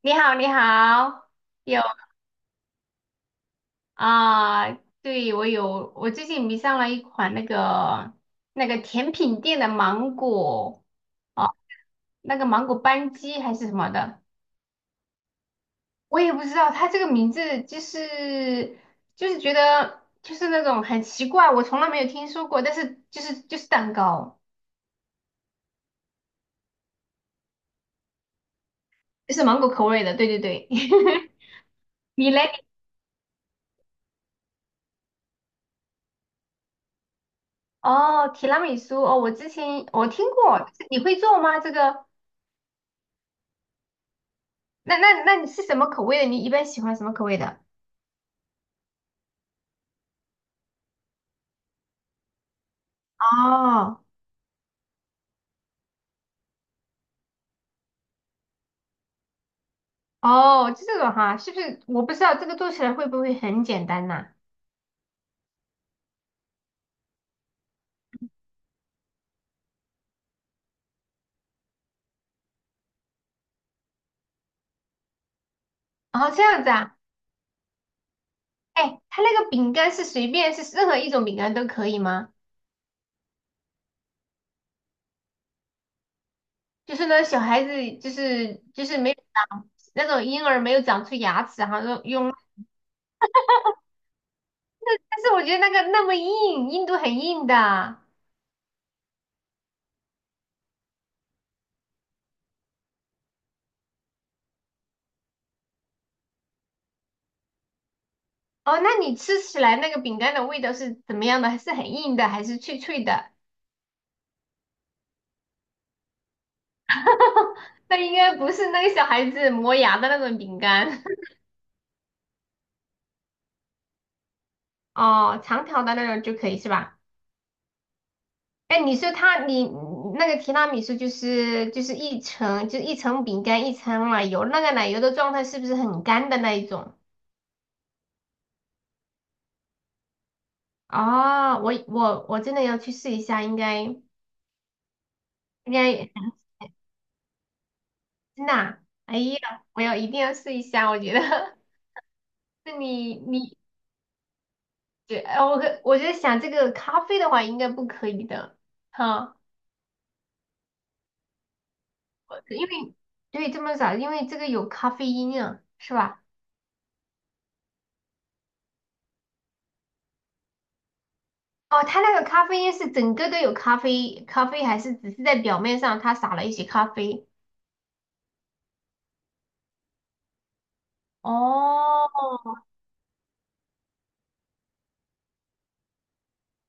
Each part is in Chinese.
你好，你好，有啊，对，我有，我最近迷上了一款那个甜品店的芒果啊，那个芒果班戟还是什么的，我也不知道它这个名字就是觉得就是那种很奇怪，我从来没有听说过，但是就是蛋糕，就是芒果口味的，对对对，你嘞？哦，提拉米苏哦，我之前听过，你会做吗？这个？那你是什么口味的？你一般喜欢什么口味的？哦哦，就这种哈，是不是？我不知道这个做起来会不会很简单呐、哦，这样子啊，哎，它那个饼干是随便是任何一种饼干都可以吗？就是呢，小孩子就是没有长那种婴儿没有长出牙齿，哈，用，但是我觉得那个那么硬，硬度很硬的。哦，那你吃起来那个饼干的味道是怎么样的？是很硬的还是脆脆的？那应该不是那个小孩子磨牙的那种饼干。哦，长条的那种就可以是吧？哎，你说它，你那个提拉米苏就是一层，就一层饼干，一层奶油，那个奶油的状态是不是很干的那一种？哦，我真的要去试一下，应该真的啊哎呀，我要一定要试一下，我觉得。那你，对，我觉得想这个咖啡的话，应该不可以的，哈。因为对这么早，因为这个有咖啡因啊，是吧？哦，它那个咖啡因是整个都有咖啡还是只是在表面上它撒了一些咖啡？哦，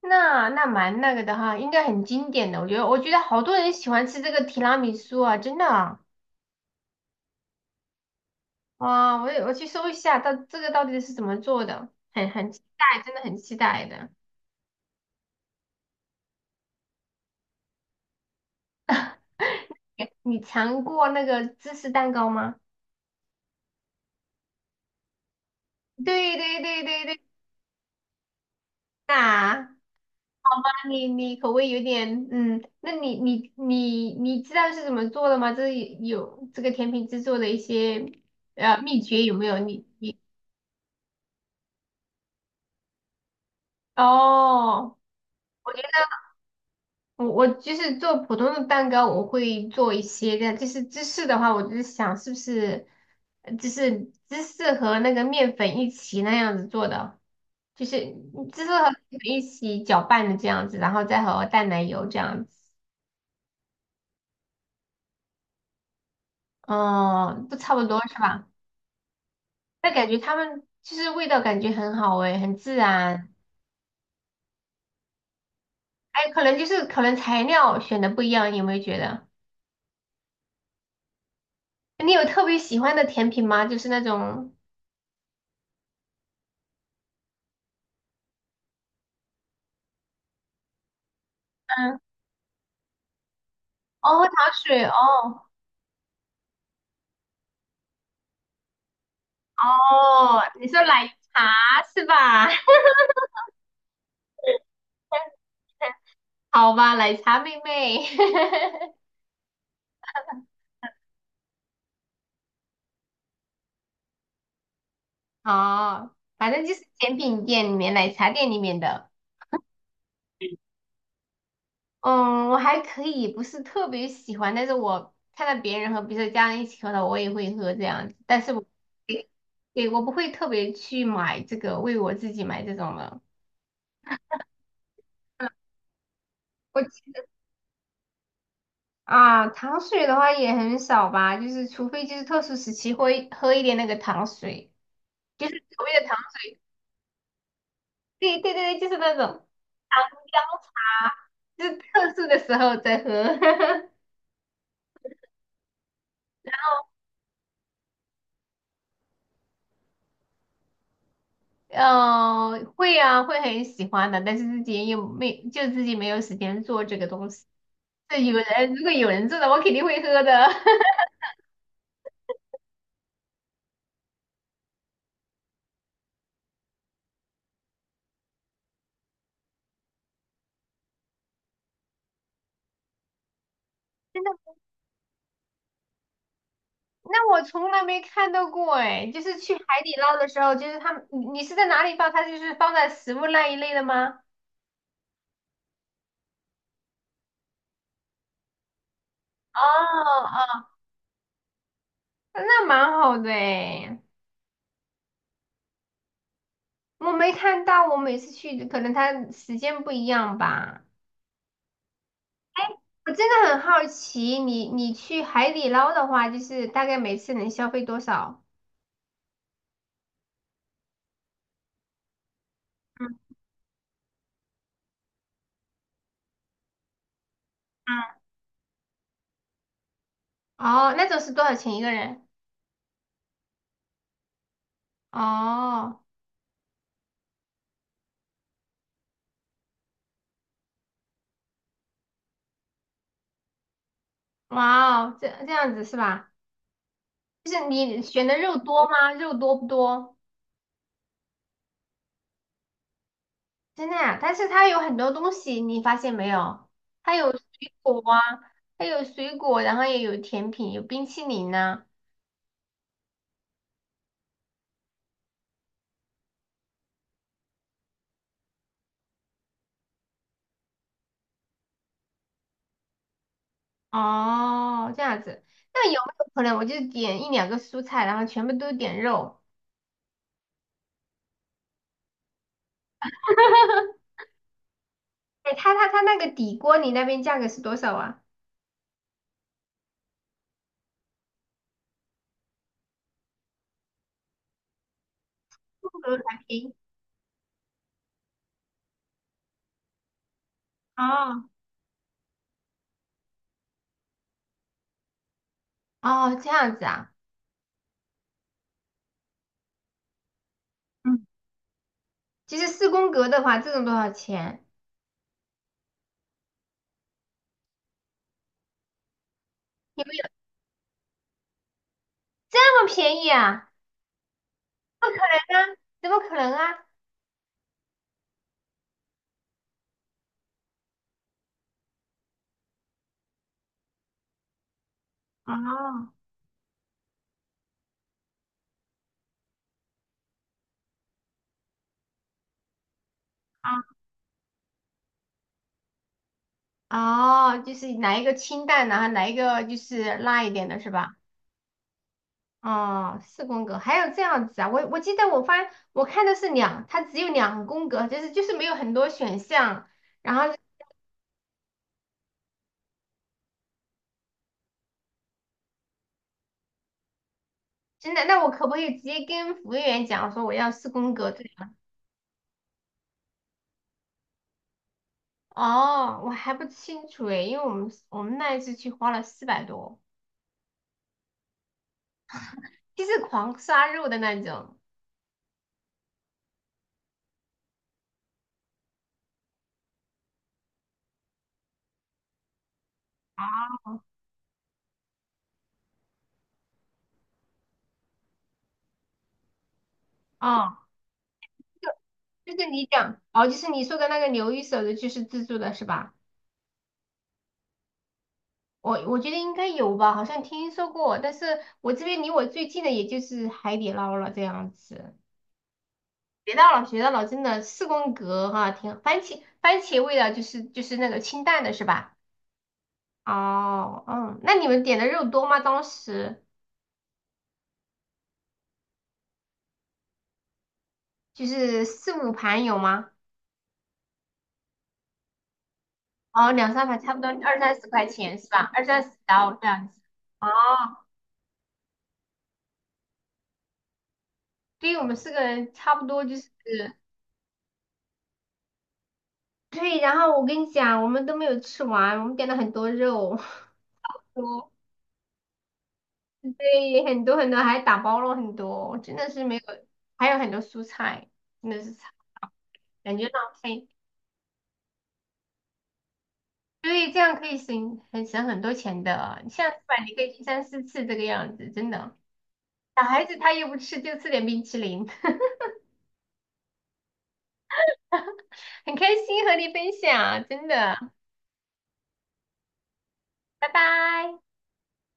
那蛮那个的哈，应该很经典的，我觉得好多人喜欢吃这个提拉米苏啊，真的啊，哇，我去搜一下，到这个到底是怎么做的，很期待，真的很期待的。你尝过那个芝士蛋糕吗？对对对对对，啊。你口味有点，嗯，那你知道是怎么做的吗？这个甜品制作的一些秘诀有没有？你哦，我觉得我就是做普通的蛋糕，我会做一些的，就是芝士的话，我就是想是不是就是芝士和那个面粉一起那样子做的，就是芝士和面粉一起搅拌的这样子，然后再和淡奶油这样子，哦，不差不多是吧？但感觉他们就是味道感觉很好诶，很自然。哎，可能就是可能材料选的不一样，有没有觉得？你有特别喜欢的甜品吗？就是那种，嗯，哦，喝糖水，哦，哦，你说奶茶是吧？好吧，奶茶妹妹，哦，反正就是甜品店里面、奶茶店里面的。嗯，我还可以，不是特别喜欢，但是我看到别人和比如说家人一起喝的，我也会喝这样子。但是我，对，对我不会特别去买这个，为我自己买这种的。我啊，糖水的话也很少吧，就是除非就是特殊时期会喝一点那个糖水，就是所谓的糖水。对对对，对，就是那种糖浆茶，就是特殊的时候再喝。嗯、会啊，会很喜欢的，但是自己没有时间做这个东西。这有人，如果有人做的，我肯定会喝的。那我从来没看到过哎，就是去海底捞的时候，就是他们，你是在哪里放？它就是放在食物那一类的吗？哦哦，那蛮好的哎，我没看到，我每次去可能它时间不一样吧。我真的很好奇，你去海底捞的话，就是大概每次能消费多少？嗯嗯哦，那种是多少钱一个人？哦，哇哦，这样子是吧？就是你选的肉多吗？肉多不多？真的呀，但是它有很多东西，你发现没有？它有水果啊，它有水果，然后也有甜品，有冰淇淋呢、哦，这样子，那有没有可能我就点一两个蔬菜，然后全部都点肉？哈哈，哎，它那个底锅，你那边价格是多少啊？不合还便宜。哦哦，这样子啊。嗯。其实四宫格的话，这种多少钱？有没有这么便宜啊？不可能啊！怎么可能啊？哦啊哦，就是来一个清淡的，然后来一个就是辣一点的，是吧？哦，四宫格还有这样子啊？我记得我看的是两，它只有两宫格，就是没有很多选项。然后真的，那我可不可以直接跟服务员讲说我要四宫格这样？哦，我还不清楚诶，因为我们那一次去花了400多。就是狂杀肉的那种。哦，就是你讲哦，就是你说的那个牛一手的，就是自助的是吧？我觉得应该有吧，好像听说过，但是我这边离我最近的也就是海底捞了这样子。学到了，学到了，真的四宫格哈、挺番茄味的，就是那个清淡的是吧？哦，嗯，那你们点的肉多吗？当时就是四五盘有吗？哦，两三盘差不多二三十块钱是吧？二三十刀这样子。哦，对于我们四个人差不多就是，对。然后我跟你讲，我们都没有吃完，我们点了很多肉，多，对，很多很多，还打包了很多，真的是没有，还有很多蔬菜，真的是感觉浪费。对，这样可以省很多钱的，你下次吧，你可以去三四次这个样子，真的。小孩子他又不吃，就吃点冰淇淋，很开心和你分享，真的，拜拜。